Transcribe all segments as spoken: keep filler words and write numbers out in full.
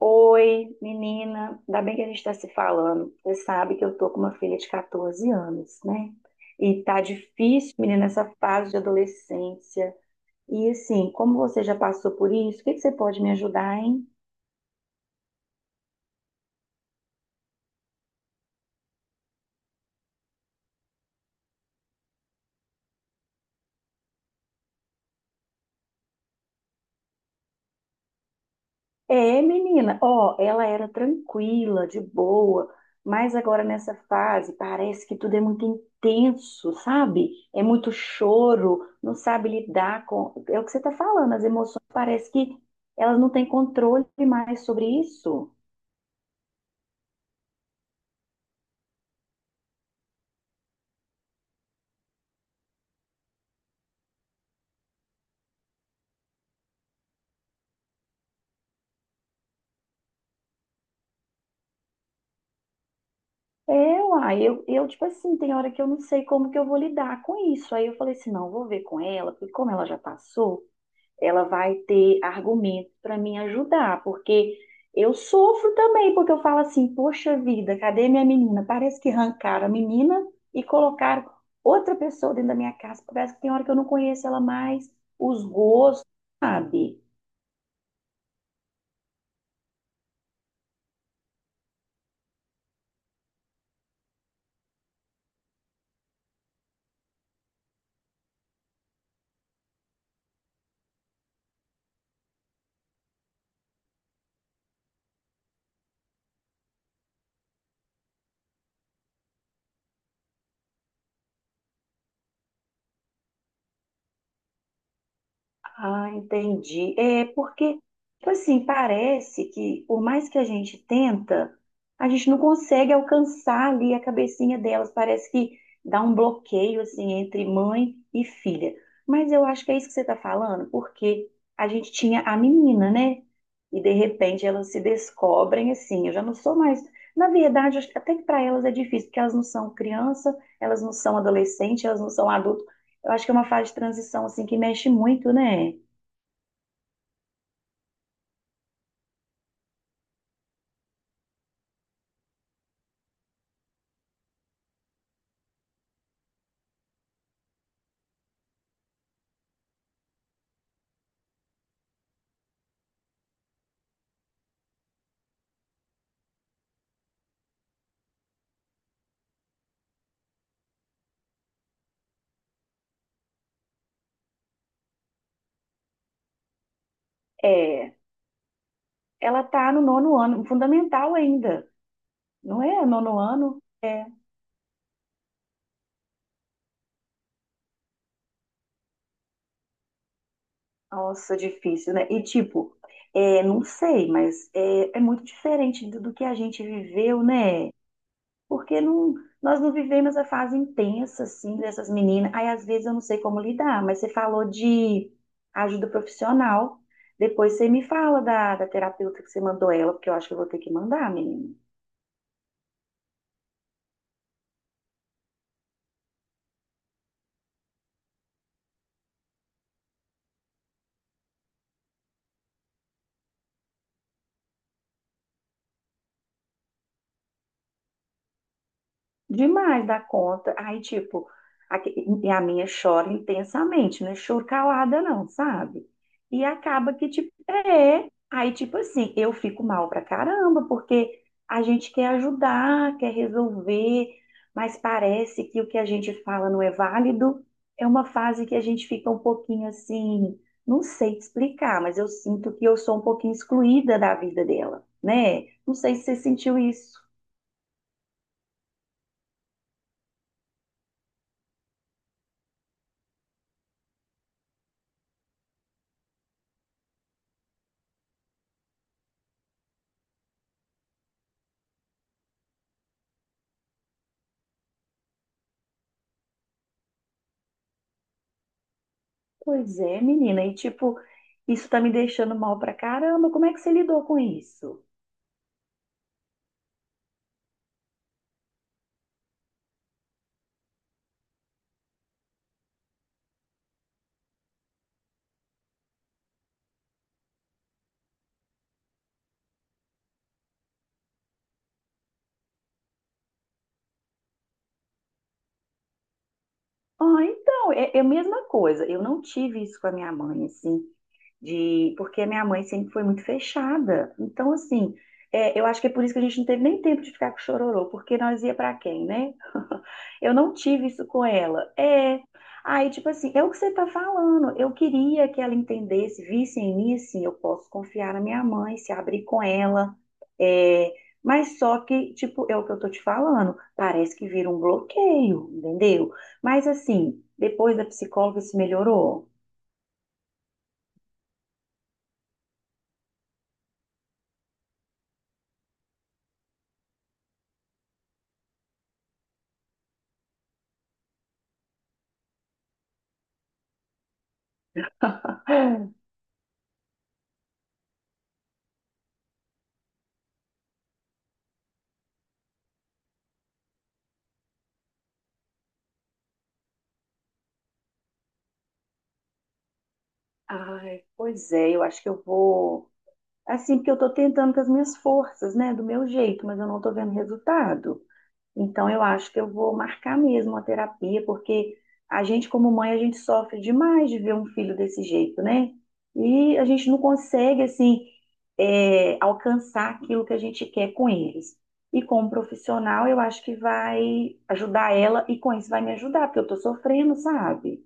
Oi, menina, ainda bem que a gente está se falando. Você sabe que eu tô com uma filha de quatorze anos, né? E tá difícil, menina, essa fase de adolescência. E assim, como você já passou por isso, o que que você pode me ajudar, hein? É, menina, ó, ela era tranquila, de boa, mas agora nessa fase parece que tudo é muito intenso, sabe? É muito choro, não sabe lidar com. É o que você tá falando, as emoções parece que elas não têm controle mais sobre isso. É, uai, eu, eu, tipo assim, tem hora que eu não sei como que eu vou lidar com isso. Aí eu falei assim, não, vou ver com ela, porque como ela já passou. Ela vai ter argumentos para me ajudar, porque eu sofro também, porque eu falo assim, poxa vida, cadê minha menina? Parece que arrancaram a menina e colocaram outra pessoa dentro da minha casa, parece que tem hora que eu não conheço ela mais, os gostos, sabe? Ah, entendi. É porque, tipo assim, parece que por mais que a gente tenta, a gente não consegue alcançar ali a cabecinha delas. Parece que dá um bloqueio assim entre mãe e filha. Mas eu acho que é isso que você está falando, porque a gente tinha a menina, né? E de repente elas se descobrem assim. Eu já não sou mais. Na verdade, acho que até que para elas é difícil, porque elas não são criança, elas não são adolescente, elas não são adulto. Eu acho que é uma fase de transição assim que mexe muito, né? É, ela está no nono ano, fundamental ainda, não é? Nono ano? É, nossa, difícil, né? E tipo, é, não sei, mas é, é muito diferente do, do que a gente viveu, né? Porque não, nós não vivemos a fase intensa, assim, dessas meninas. Aí às vezes eu não sei como lidar, mas você falou de ajuda profissional. Depois você me fala da, da terapeuta que você mandou ela, porque eu acho que eu vou ter que mandar, menina. Demais da conta. Aí, tipo, a, e a minha chora intensamente, não é choro calada, não, sabe? E acaba que, tipo, é. Aí, tipo assim, eu fico mal pra caramba, porque a gente quer ajudar, quer resolver, mas parece que o que a gente fala não é válido. É uma fase que a gente fica um pouquinho assim, não sei te explicar, mas eu sinto que eu sou um pouquinho excluída da vida dela, né? Não sei se você sentiu isso. Pois é, menina, e tipo, isso tá me deixando mal pra caramba. Como é que você lidou com isso? Ah, então, é, é a mesma coisa. Eu não tive isso com a minha mãe, assim, de porque a minha mãe sempre foi muito fechada. Então, assim, é, eu acho que é por isso que a gente não teve nem tempo de ficar com o chororô, porque nós ia pra quem, né? Eu não tive isso com ela. É. Aí, tipo assim, é o que você tá falando. Eu queria que ela entendesse, visse em mim, assim, eu posso confiar na minha mãe, se abrir com ela. É, mas só que, tipo, é o que eu tô te falando. Parece que vira um bloqueio, entendeu? Mas assim, depois da psicóloga se melhorou? Ai, pois é, eu acho que eu vou. Assim, porque eu tô tentando com as minhas forças, né? Do meu jeito, mas eu não tô vendo resultado. Então, eu acho que eu vou marcar mesmo a terapia, porque a gente, como mãe, a gente sofre demais de ver um filho desse jeito, né? E a gente não consegue, assim, é, alcançar aquilo que a gente quer com eles. E como profissional, eu acho que vai ajudar ela, e com isso vai me ajudar, porque eu tô sofrendo, sabe?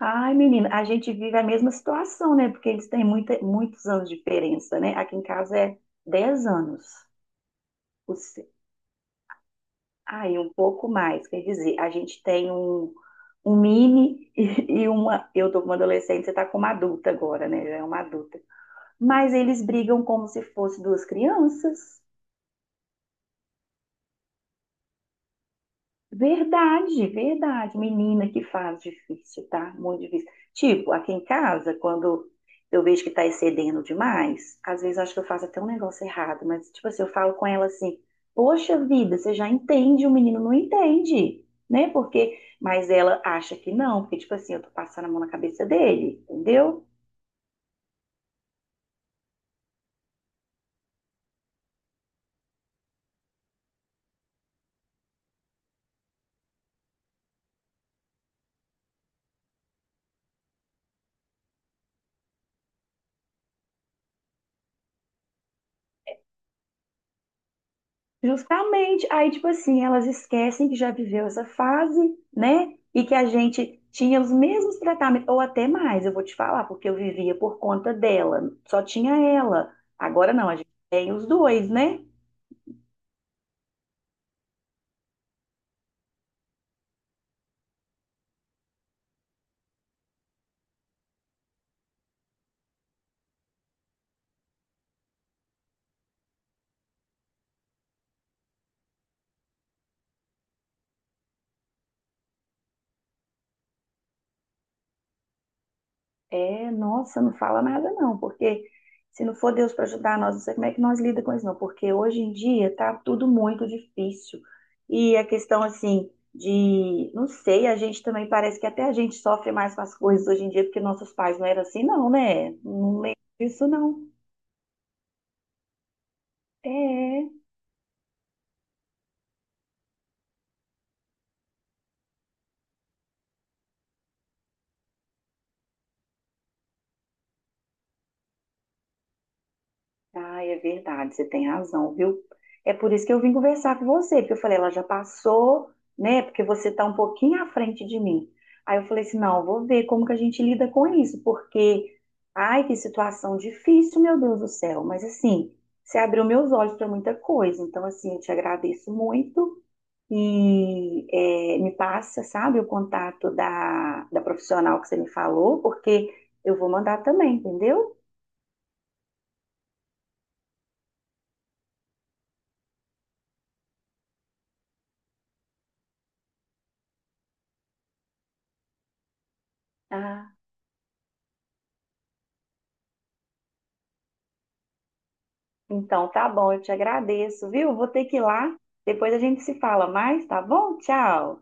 Ai, menina, a gente vive a mesma situação, né? Porque eles têm muita, muitos anos de diferença, né? Aqui em casa é dez anos. Ah, e um pouco mais, quer dizer, a gente tem um, um mini e, e uma. Eu tô com uma adolescente, você tá com uma adulta agora, né? Já é uma adulta. Mas eles brigam como se fossem duas crianças. Verdade, verdade. Menina, que fase difícil, tá? Muito difícil. Tipo, aqui em casa, quando eu vejo que tá excedendo demais, às vezes eu acho que eu faço até um negócio errado, mas, tipo assim, eu falo com ela assim: poxa vida, você já entende, o menino não entende, né? Porque, mas ela acha que não, porque, tipo assim, eu tô passando a mão na cabeça dele, entendeu? Justamente, aí tipo assim, elas esquecem que já viveu essa fase, né? E que a gente tinha os mesmos tratamentos, ou até mais, eu vou te falar, porque eu vivia por conta dela, só tinha ela. Agora não, a gente tem os dois, né? É, nossa, não fala nada não, porque se não for Deus para ajudar nós, não sei como é que nós lida com isso não, porque hoje em dia tá tudo muito difícil. E a questão assim de, não sei, a gente também parece que até a gente sofre mais com as coisas hoje em dia, porque nossos pais não eram assim não, né? Não lembro disso não. É. Ah, é verdade, você tem razão, viu? É por isso que eu vim conversar com você, porque eu falei, ela já passou, né? Porque você está um pouquinho à frente de mim. Aí eu falei assim, não, eu vou ver como que a gente lida com isso, porque, ai, que situação difícil, meu Deus do céu. Mas assim, você abriu meus olhos para muita coisa, então assim, eu te agradeço muito e é, me passa, sabe, o contato da, da profissional que você me falou, porque eu vou mandar também, entendeu? Ah. Então, tá bom, eu te agradeço, viu? Vou ter que ir lá. Depois a gente se fala mais, tá bom? Tchau.